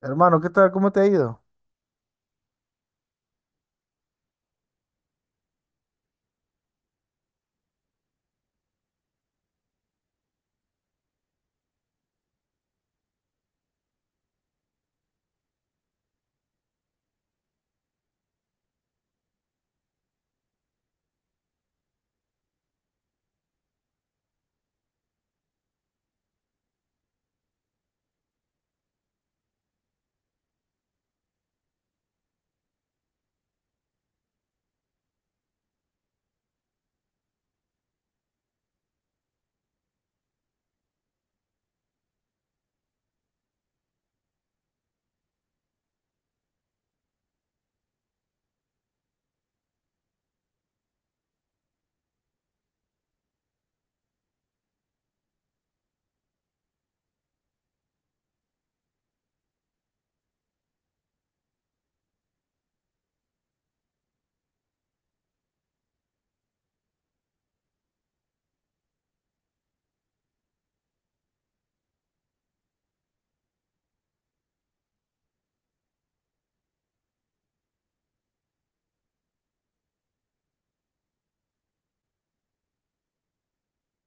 Hermano, ¿qué tal? ¿Cómo te ha ido?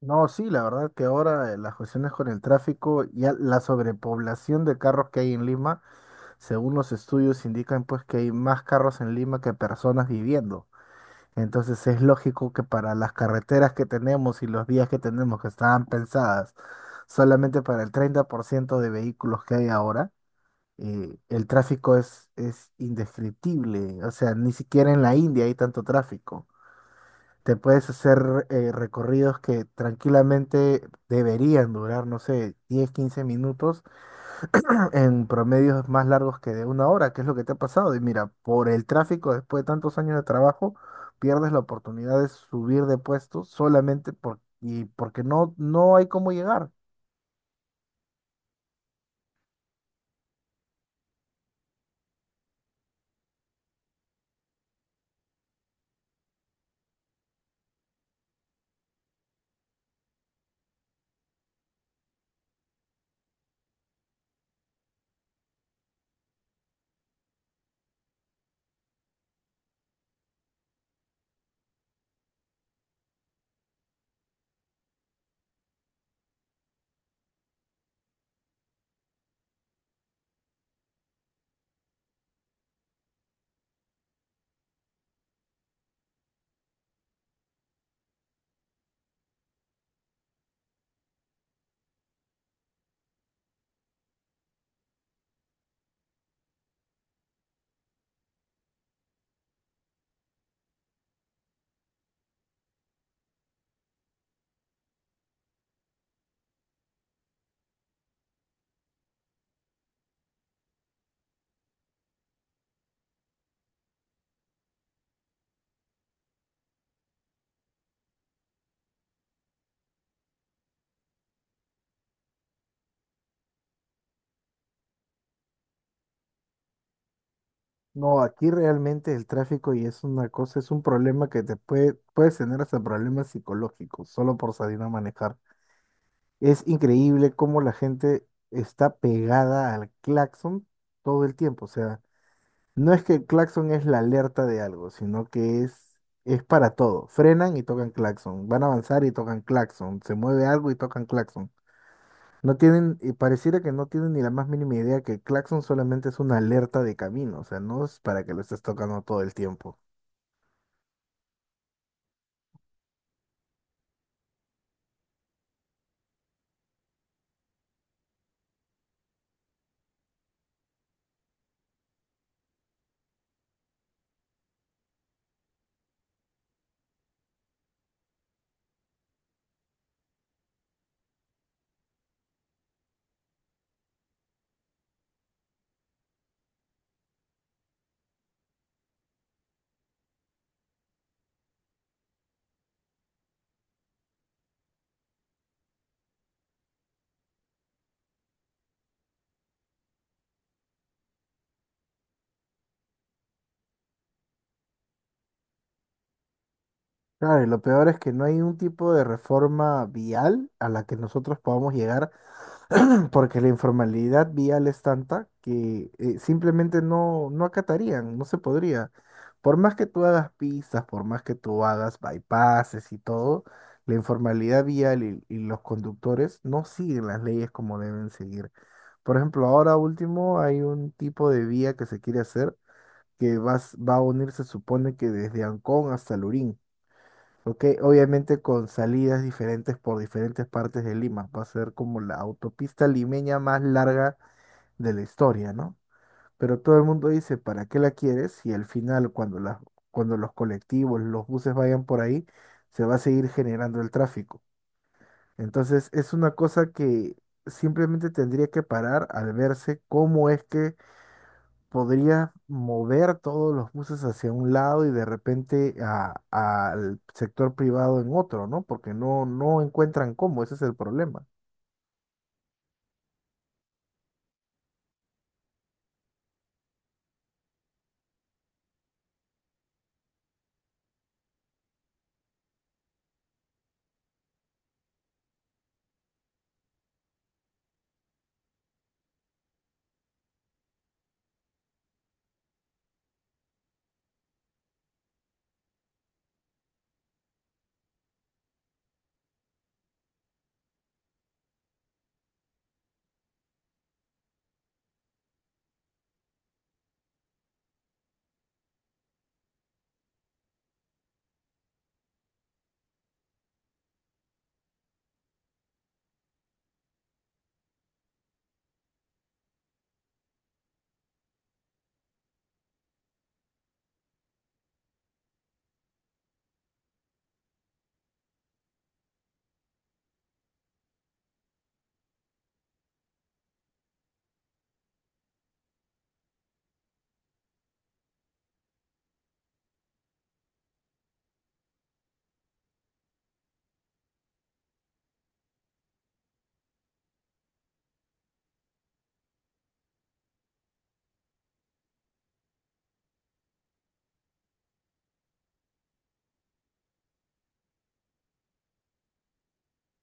No, sí, la verdad que ahora las cuestiones con el tráfico y la sobrepoblación de carros que hay en Lima, según los estudios indican pues que hay más carros en Lima que personas viviendo. Entonces es lógico que para las carreteras que tenemos y los vías que tenemos que estaban pensadas solamente para el 30% de vehículos que hay ahora, el tráfico es indescriptible. O sea, ni siquiera en la India hay tanto tráfico. Te puedes hacer recorridos que tranquilamente deberían durar, no sé, 10 15 minutos en promedios más largos que de una hora, que es lo que te ha pasado. Y mira, por el tráfico después de tantos años de trabajo, pierdes la oportunidad de subir de puesto solamente por, y porque no hay cómo llegar. No, aquí realmente el tráfico y es una cosa, es un problema que te puedes tener hasta problemas psicológicos solo por salir a manejar. Es increíble cómo la gente está pegada al claxon todo el tiempo. O sea, no es que el claxon es la alerta de algo, sino que es para todo. Frenan y tocan claxon, van a avanzar y tocan claxon, se mueve algo y tocan claxon. No tienen, y pareciera que no tienen ni la más mínima idea que el claxon solamente es una alerta de camino, o sea, no es para que lo estés tocando todo el tiempo. Claro, y lo peor es que no hay un tipo de reforma vial a la que nosotros podamos llegar. Porque la informalidad vial es tanta que simplemente no acatarían, no se podría. Por más que tú hagas pistas, por más que tú hagas bypasses y todo, la informalidad vial y los conductores no siguen las leyes como deben seguir. Por ejemplo, ahora último hay un tipo de vía que se quiere hacer que va a unir, se supone que desde Ancón hasta Lurín. Ok, obviamente con salidas diferentes por diferentes partes de Lima. Va a ser como la autopista limeña más larga de la historia, ¿no? Pero todo el mundo dice, ¿para qué la quieres? Si al final, cuando los colectivos, los buses vayan por ahí, se va a seguir generando el tráfico. Entonces, es una cosa que simplemente tendría que parar al verse cómo es que podría mover todos los buses hacia un lado y de repente al sector privado en otro, ¿no? Porque no encuentran cómo, ese es el problema.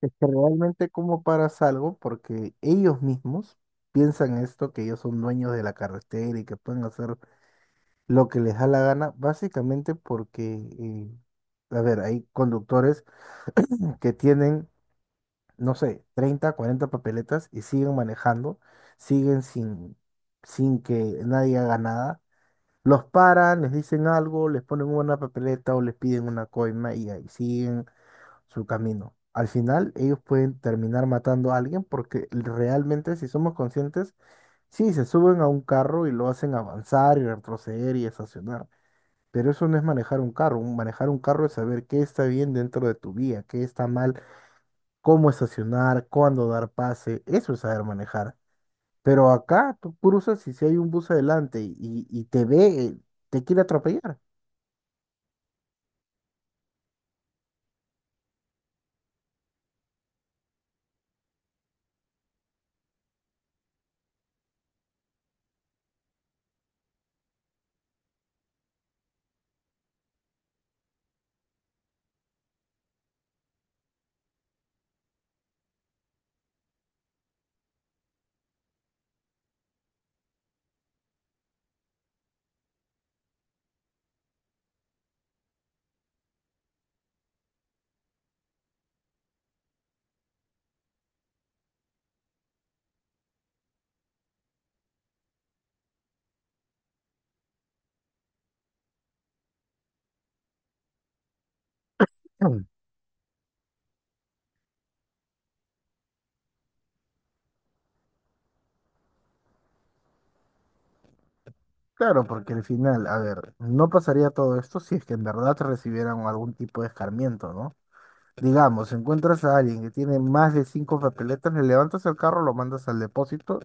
Es que realmente cómo paras algo, porque ellos mismos piensan esto, que ellos son dueños de la carretera y que pueden hacer lo que les da la gana, básicamente porque, a ver, hay conductores que tienen no sé, 30 40 papeletas y siguen manejando, siguen sin que nadie haga nada. Los paran, les dicen algo, les ponen una papeleta o les piden una coima y ahí siguen su camino. Al final, ellos pueden terminar matando a alguien porque realmente, si somos conscientes, sí, se suben a un carro y lo hacen avanzar y retroceder y estacionar. Pero eso no es manejar un carro. Manejar un carro es saber qué está bien dentro de tu vía, qué está mal, cómo estacionar, cuándo dar pase, eso es saber manejar. Pero acá tú cruzas y si hay un bus adelante y te ve, te quiere atropellar. Mm. Claro, porque al final, a ver, no pasaría todo esto si es que en verdad recibieran algún tipo de escarmiento, ¿no? Digamos, encuentras a alguien que tiene más de cinco papeletas, le levantas el carro, lo mandas al depósito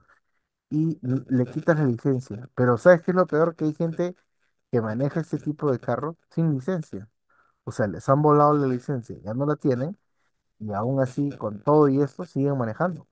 y le quitas la licencia. Pero ¿sabes qué es lo peor? Que hay gente que maneja este tipo de carro sin licencia. O sea, les han volado la licencia, ya no la tienen. Y aún así, con todo y esto, siguen manejando.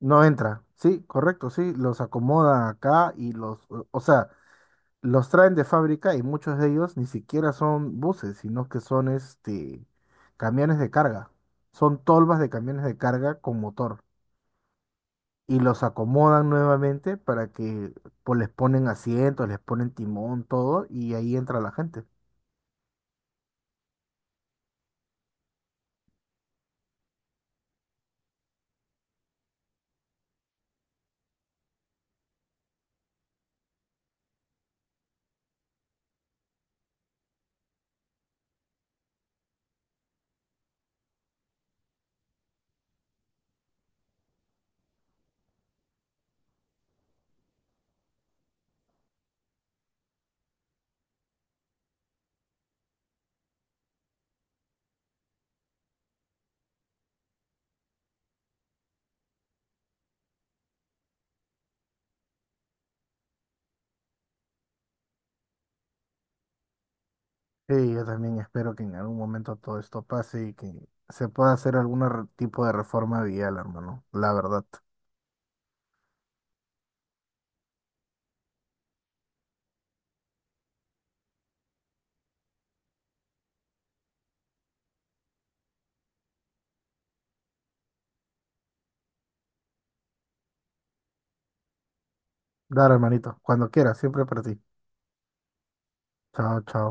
No entra. Sí, correcto, sí. Los acomodan acá y los, o sea, los traen de fábrica y muchos de ellos ni siquiera son buses, sino que son este camiones de carga. Son tolvas de camiones de carga con motor. Y los acomodan nuevamente para que pues, les ponen asientos, les ponen timón, todo, y ahí entra la gente. Sí, yo también espero que en algún momento todo esto pase y que se pueda hacer algún tipo de reforma vial, hermano. La verdad. Dale, hermanito. Cuando quieras, siempre para ti. Chao, chao.